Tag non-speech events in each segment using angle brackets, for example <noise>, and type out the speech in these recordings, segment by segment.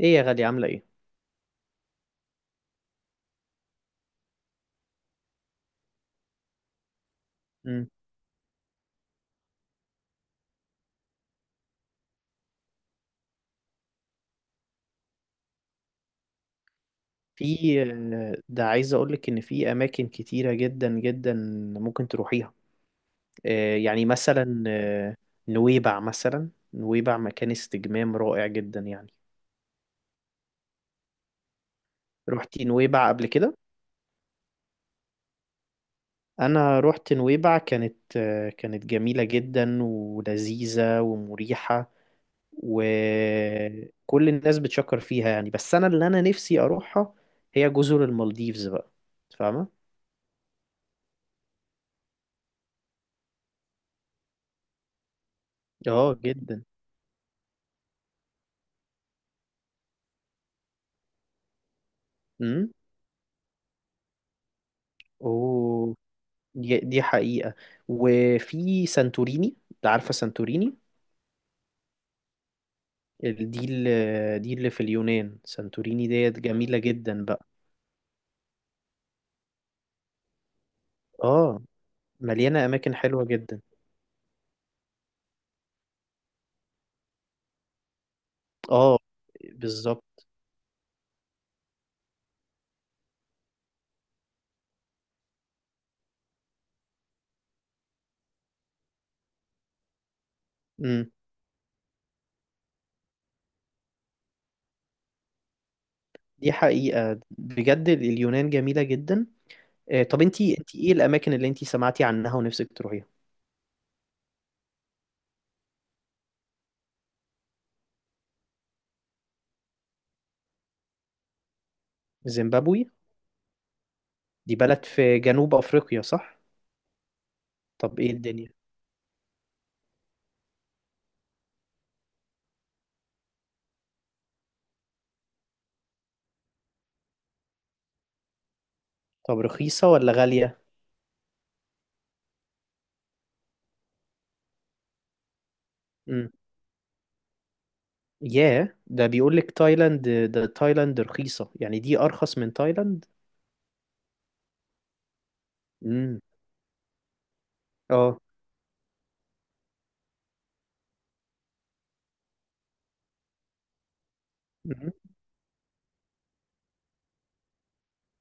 ايه يا غالي، عاملة ايه؟ مم. في ده عايز اقولك ان في اماكن كتيرة جدا جدا ممكن تروحيها. يعني مثلا نويبع، مثلا نويبع مكان استجمام رائع جدا يعني. روحتي نويبع قبل كده؟ انا روحت نويبع، كانت جميلة جدا ولذيذة ومريحة، وكل الناس بتشكر فيها يعني، بس انا اللي انا نفسي اروحها هي جزر المالديفز بقى. فاهمة؟ اه، جدا. مم. اوه، دي حقيقة. وفي سانتوريني، انت عارفة سانتوريني؟ دي اللي في اليونان، سانتوريني ديت جميلة جدا بقى. اه، مليانة اماكن حلوة جدا. اه، بالظبط. امم دي حقيقة بجد، اليونان جميلة جدا. طب انتي ايه الاماكن اللي انتي سمعتي عنها ونفسك تروحيها؟ زيمبابوي دي بلد في جنوب افريقيا، صح؟ طب ايه الدنيا؟ طب رخيصة ولا غالية؟ إمم. ياه، ده بيقول لك تايلاند، ده تايلاند رخيصة يعني دي أرخص من تايلاند. امم اه. مم.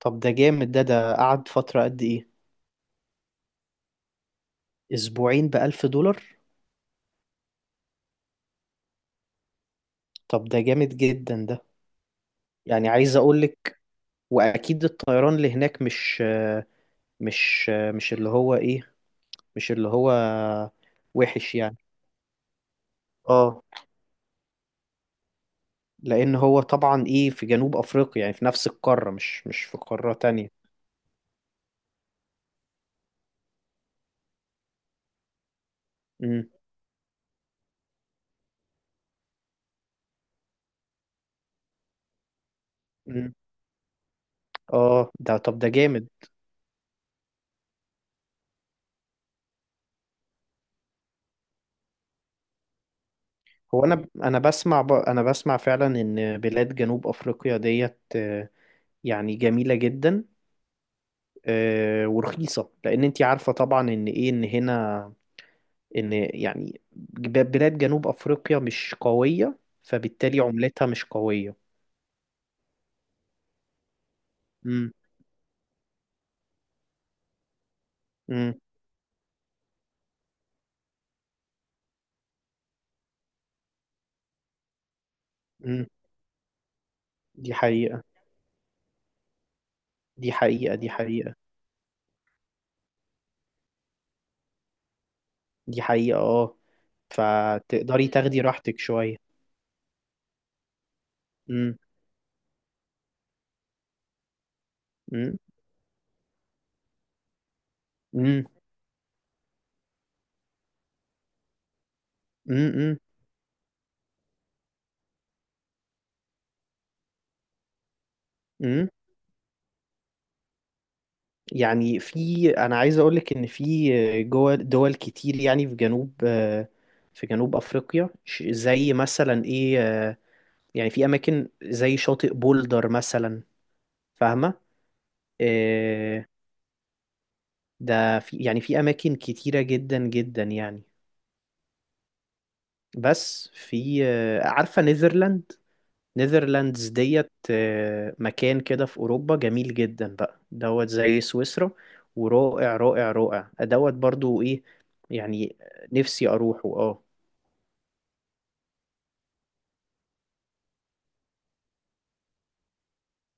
طب ده جامد، ده قعد فترة قد إيه؟ أسبوعين بألف دولار؟ طب ده جامد جدا ده. يعني عايز أقول لك، وأكيد الطيران اللي هناك مش اللي هو إيه، مش اللي هو وحش يعني. اه. لأن هو طبعا إيه في جنوب أفريقيا، يعني في نفس القارة، مش في قارة تانية. امم امم اه، ده طب ده جامد. هو انا، بسمع فعلا ان بلاد جنوب افريقيا ديت يعني جميله جدا. ورخيصه، لان انت عارفه طبعا ان ايه ان هنا، ان يعني بلاد جنوب افريقيا مش قويه، فبالتالي عملتها مش قويه. امم امم امم دي حقيقه، دي حقيقه، دي حقيقه، دي حقيقه. اه، فتقدري تاخدي راحتك شويه. امم امم امم امم امم. يعني انا عايز اقول لك ان في جوه دول كتير يعني، في جنوب افريقيا، زي مثلا ايه؟ يعني في اماكن زي شاطئ بولدر مثلا، فاهمه؟ إيه ده، في يعني في اماكن كتيره جدا جدا يعني. بس في عارفه نيذرلاند؟ نيذرلاندز ديت مكان كده في أوروبا جميل جدا بقى، زي سويسرا، ورائع رائع رائع، برضو إيه يعني، نفسي أروحه. اه.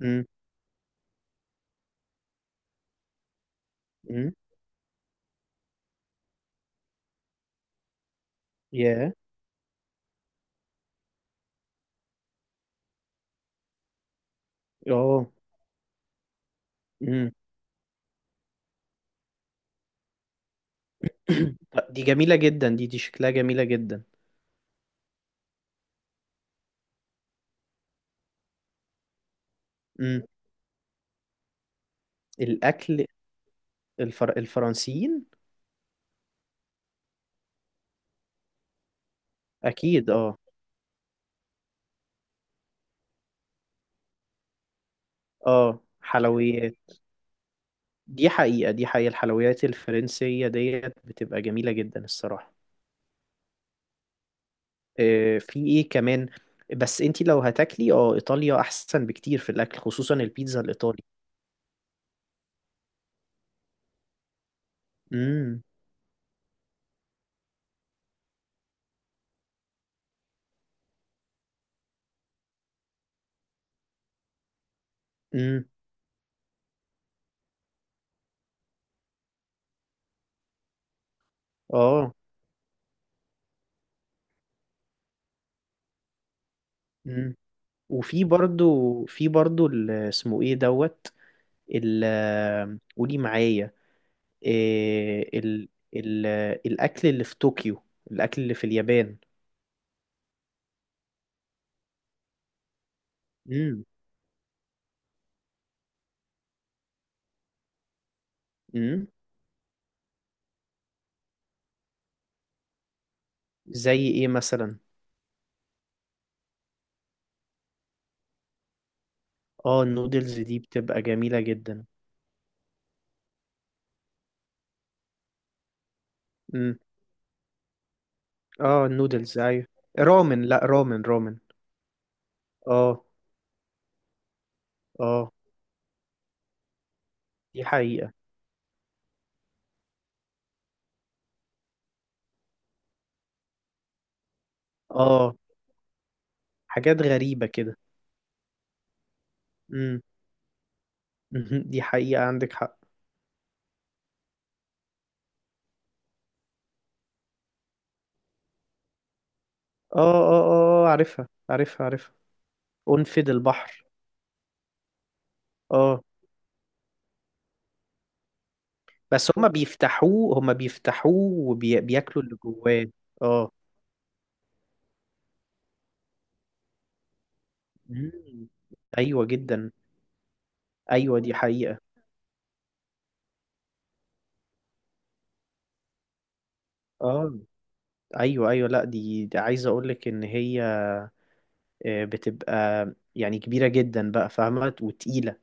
امم. امم. ياه. اه. امم. <clears throat> دي جميلة جدا، دي شكلها جميلة جدا. امم الأكل، الفرنسيين. أكيد، اه، اه، حلويات. دي حقيقة، دي حقيقة، الحلويات الفرنسية ديت بتبقى جميلة جدا الصراحة. في ايه كمان؟ بس انتي لو هتاكلي ايطاليا احسن بكتير في الاكل، خصوصا البيتزا الايطالي. امم. امم. اه. امم. وفي برضو اسمه ايه دوت ال آه، قولي معايا. إيه ال ال آه، الاكل اللي في طوكيو، الاكل اللي في اليابان. امم. امم. زي ايه مثلا؟ اه، النودلز دي بتبقى جميلة جدا. امم. اه، النودلز، ايوه. رامن، لا، رامن رامن. اه. اه، دي حقيقة. اه، حاجات غريبة كده. امم. مهم. دي حقيقة، عندك حق. اه، اه، اه، عارفها، عارفها، عارفها. قنفذ البحر. اه، بس هما بيفتحوه وبياكلوا اللي جواه. اه. مم. ايوه جدا. ايوه، دي حقيقة. اه، ايوه، ايوه، لا دي، دي عايز اقولك ان هي بتبقى يعني كبيرة جدا بقى، فاهمة، وتقيلة.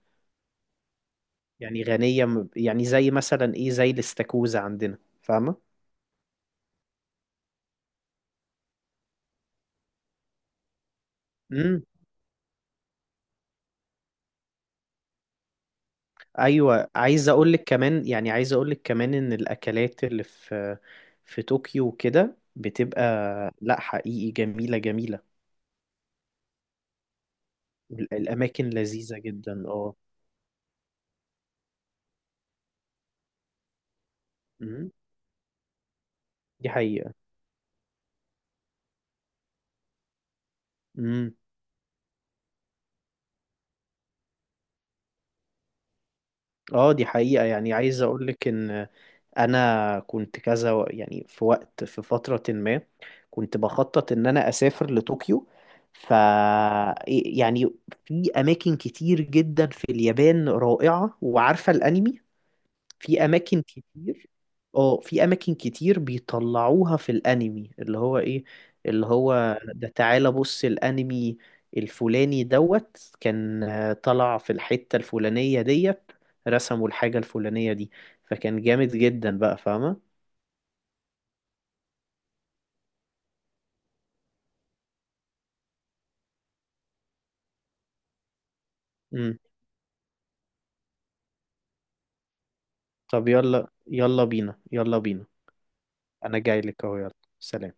يعني غنية، يعني زي مثلا ايه، زي الاستاكوزا عندنا، فاهمة؟ ايوه، عايز اقول لك كمان، يعني عايز اقول لك كمان ان الاكلات اللي في، في طوكيو وكده بتبقى، لا حقيقي جميله جميله. الاماكن لذيذه جدا، اه. أمم، دي حقيقه. امم اه، دي حقيقه. يعني عايز اقول لك ان انا كنت كذا يعني في وقت، في فتره ما كنت بخطط ان انا اسافر لطوكيو. ف يعني في اماكن كتير جدا في اليابان رائعه، وعارفه الانمي. في اماكن كتير. اه، في اماكن كتير بيطلعوها في الانمي، اللي هو ايه، اللي هو ده تعالى بص الانمي الفلاني كان طلع في الحتة الفلانية ديت، رسموا الحاجة الفلانية دي، فكان جامد جدا بقى، فاهمة. امم طب يلا، يلا بينا، يلا بينا. انا جاي لك اهو، يلا. سلام.